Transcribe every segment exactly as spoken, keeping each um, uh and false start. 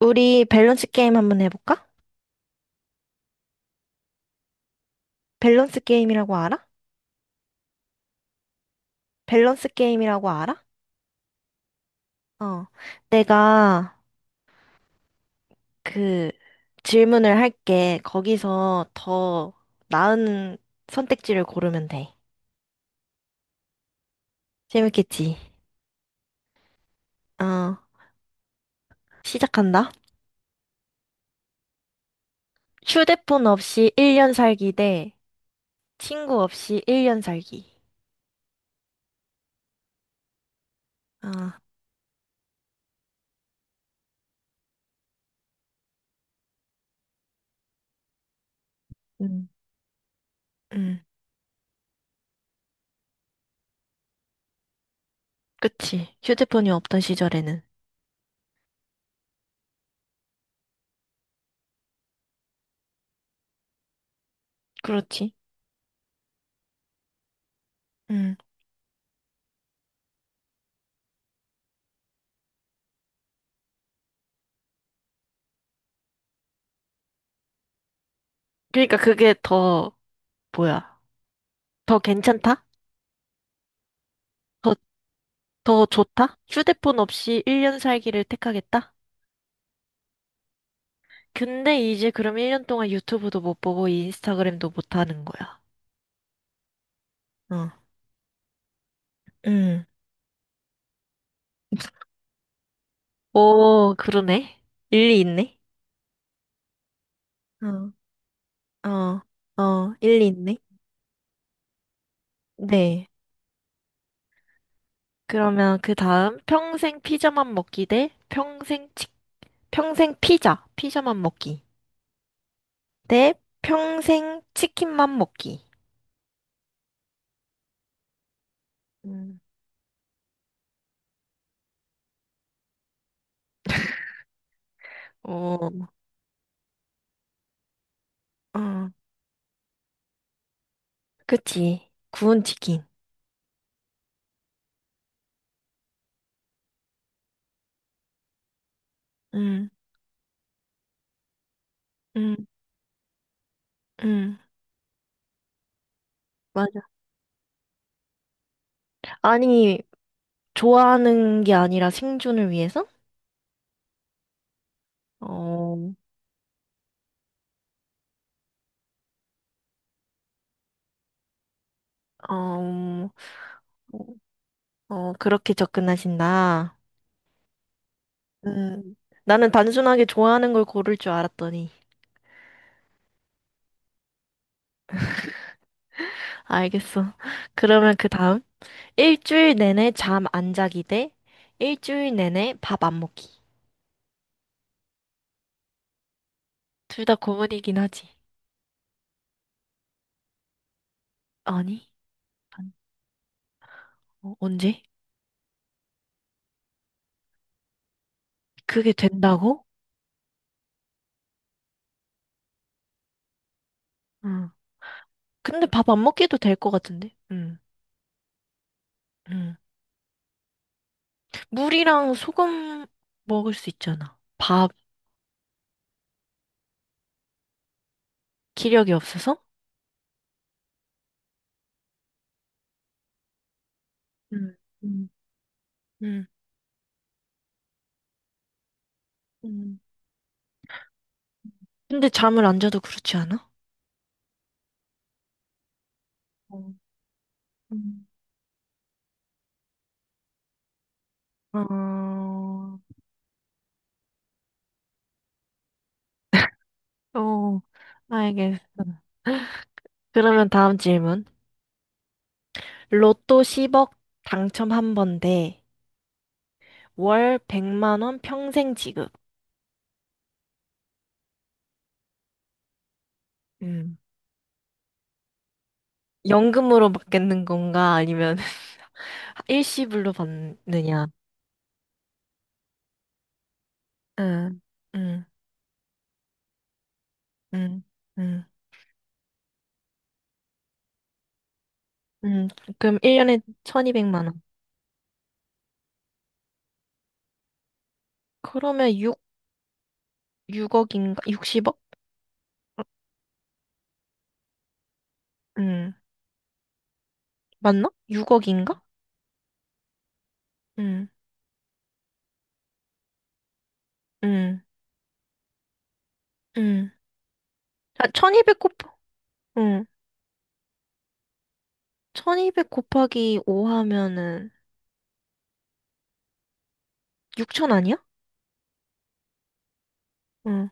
우리 밸런스 게임 한번 해볼까? 밸런스 게임이라고 알아? 밸런스 게임이라고 알아? 어. 내가 그 질문을 할게. 거기서 더 나은 선택지를 고르면 돼. 재밌겠지? 어. 시작한다. 휴대폰 없이 일 년 살기 대 친구 없이 일 년 살기. 아 음. 음. 그치. 휴대폰이 없던 시절에는. 그렇지. 음. 그러니까 그게 더 뭐야? 더 괜찮다? 더 더 좋다? 휴대폰 없이 일 년 살기를 택하겠다? 근데 이제 그럼 일 년 동안 유튜브도 못 보고 인스타그램도 못 하는 거야. 어. 음. 오, 그러네. 일리 있네. 어, 어, 어, 일리 있네. 네. 그러면 그 다음. 평생 피자만 먹기 대 평생 치, 평생 피자, 피자만 먹기 대 평생 치킨만 먹기. 음. 어, 어, 그치. 구운 치킨. 음, 음. 응, 맞아. 아니, 좋아하는 게 아니라 생존을 위해서? 어, 어, 어, 그렇게 접근하신다. 음, 나는 단순하게 좋아하는 걸 고를 줄 알았더니. 알겠어. 그러면 그 다음. 일주일 내내 잠 안 자기 대 일주일 내내 밥 안 먹기. 둘 다 고문이긴 하지. 아니, 어, 언제? 그게 된다고? 응. 근데 밥 안 먹기도 될 것 같은데? 응, 응. 물이랑 소금 먹을 수 있잖아. 밥, 기력이 없어서? 음, 음, 음. 음, 근데 잠을 안 자도 그렇지 않아? 어, 음. 어, 어, 알겠어. 그러면 다음 질문. 로또 십억 당첨 한 번대 월 백만 원 평생 지급. 음. 연금으로 받겠는 건가? 아니면 일시불로 받느냐? 응. 응, 응, 응, 응. 그럼 일 년에 천이백만 원. 그러면 육 육억인가? 육십억? 응. 맞나? 육억인가? 응. 응. 응. 아, 천이백 곱 응. 천이백 곱하기 오 하면은 육천 아니야? 응.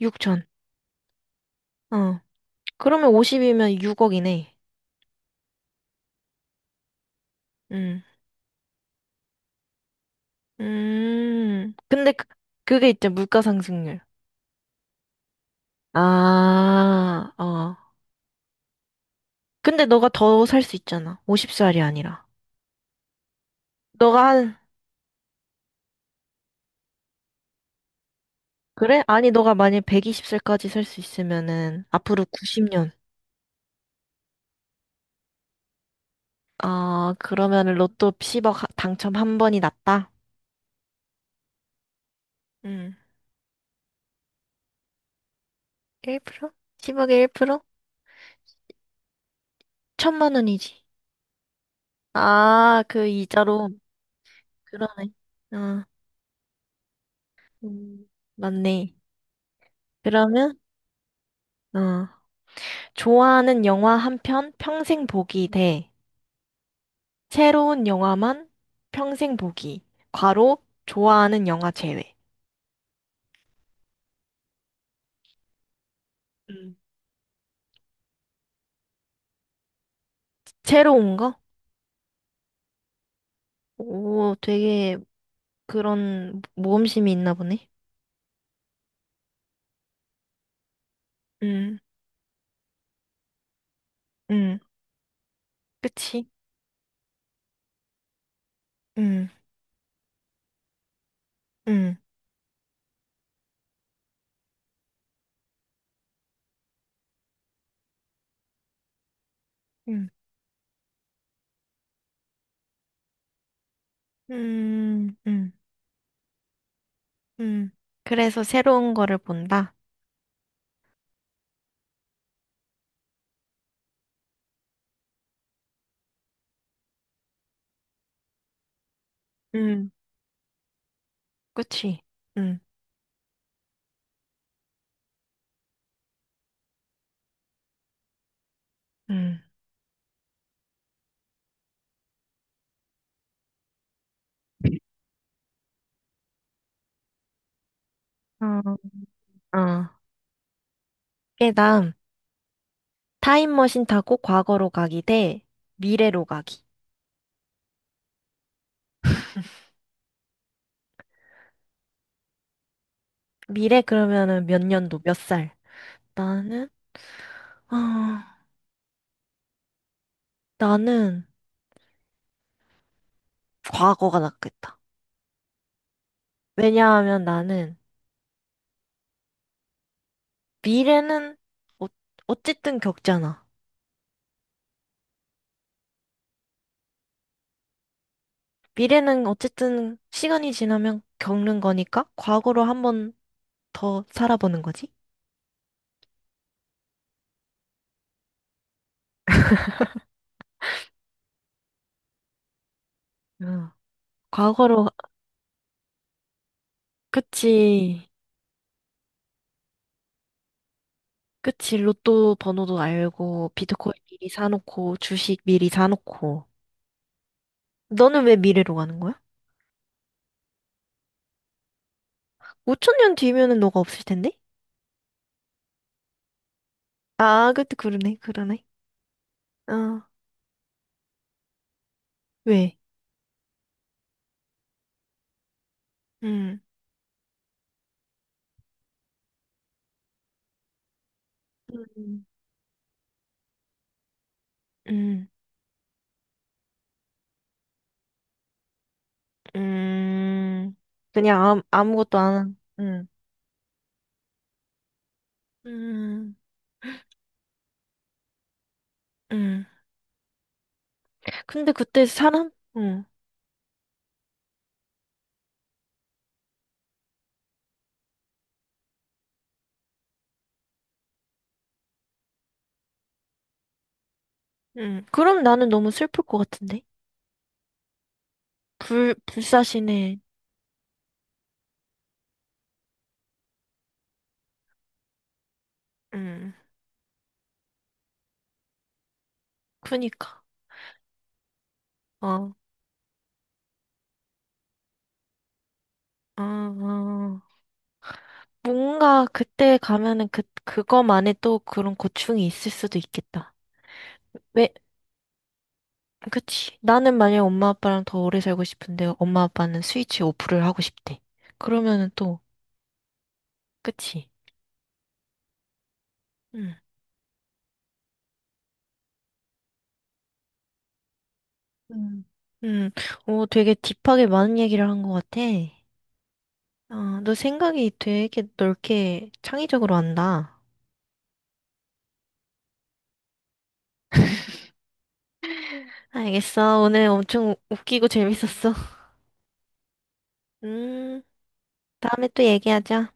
육천. 어. 그러면 오십이면 육억이네. 응. 음. 근데 그, 그게 있잖아. 물가 상승률. 아, 어. 근데 너가 더 살 수 있잖아. 오십 살이 아니라. 너가 한, 그래? 아니, 너가 만약 백이십 살까지 살 수 있으면은, 앞으로 구십 년, 어, 그러면 로또 십억 하- 당첨 한 번이 났다? 응. 일 프로? 십억에 일 퍼센트? 천만 원이지. 아, 그 이자로. 그러네. 어, 음, 맞네. 그러면, 어, 좋아하는 영화 한 편 평생 보기 대 새로운 영화만 평생 보기. 괄호, 좋아하는 영화 제외. 응. 새로운 거? 오, 되게 그런 모험심이 있나 보네. 응. 응. 그치? 응. 음, 음, 음, 음, 음. 그래서 새로운 거를 본다? 음, 그치. 음, 음. 어, 어. 그 다음, 타임머신 타고 과거로 가기 대 미래로 가기. 미래 그러면은 몇 년도, 몇 살? 나는, 아, 나는 과거가 낫겠다. 왜냐하면 나는 미래는 어, 어쨌든 겪잖아. 미래는 어쨌든 시간이 지나면 겪는 거니까 과거로 한번 더 살아보는 거지? 응. 과거로, 그치. 그치. 로또 번호도 알고, 비트코인 미리 사놓고, 주식 미리 사놓고. 너는 왜 미래로 가는 거야? 오천 년 뒤면은 너가 없을 텐데? 아, 그때 그러네, 그러네. 어, 왜? 응. 음, 음, 음, 그냥 아무, 아무것도 안, 한- 음, 음, 음, 근데 그때 사람? 음. 음, 그럼 나는 너무 슬플 것 같은데? 불, 불사신의, 음. 그니까. 어, 아, 아. 뭔가 그때 가면은 그, 그거만의 또 그런 고충이 있을 수도 있겠다. 왜, 그치. 나는 만약에 엄마 아빠랑 더 오래 살고 싶은데 엄마 아빠는 스위치 오프를 하고 싶대. 그러면은 또, 그치. 응. 음. 음, 오, 되게 딥하게 많은 얘기를 한 것 같아. 어, 너 생각이 되게 넓게 창의적으로 한다. 알겠어. 오늘 엄청 웃기고 재밌었어. 음, 다음에 또 얘기하자.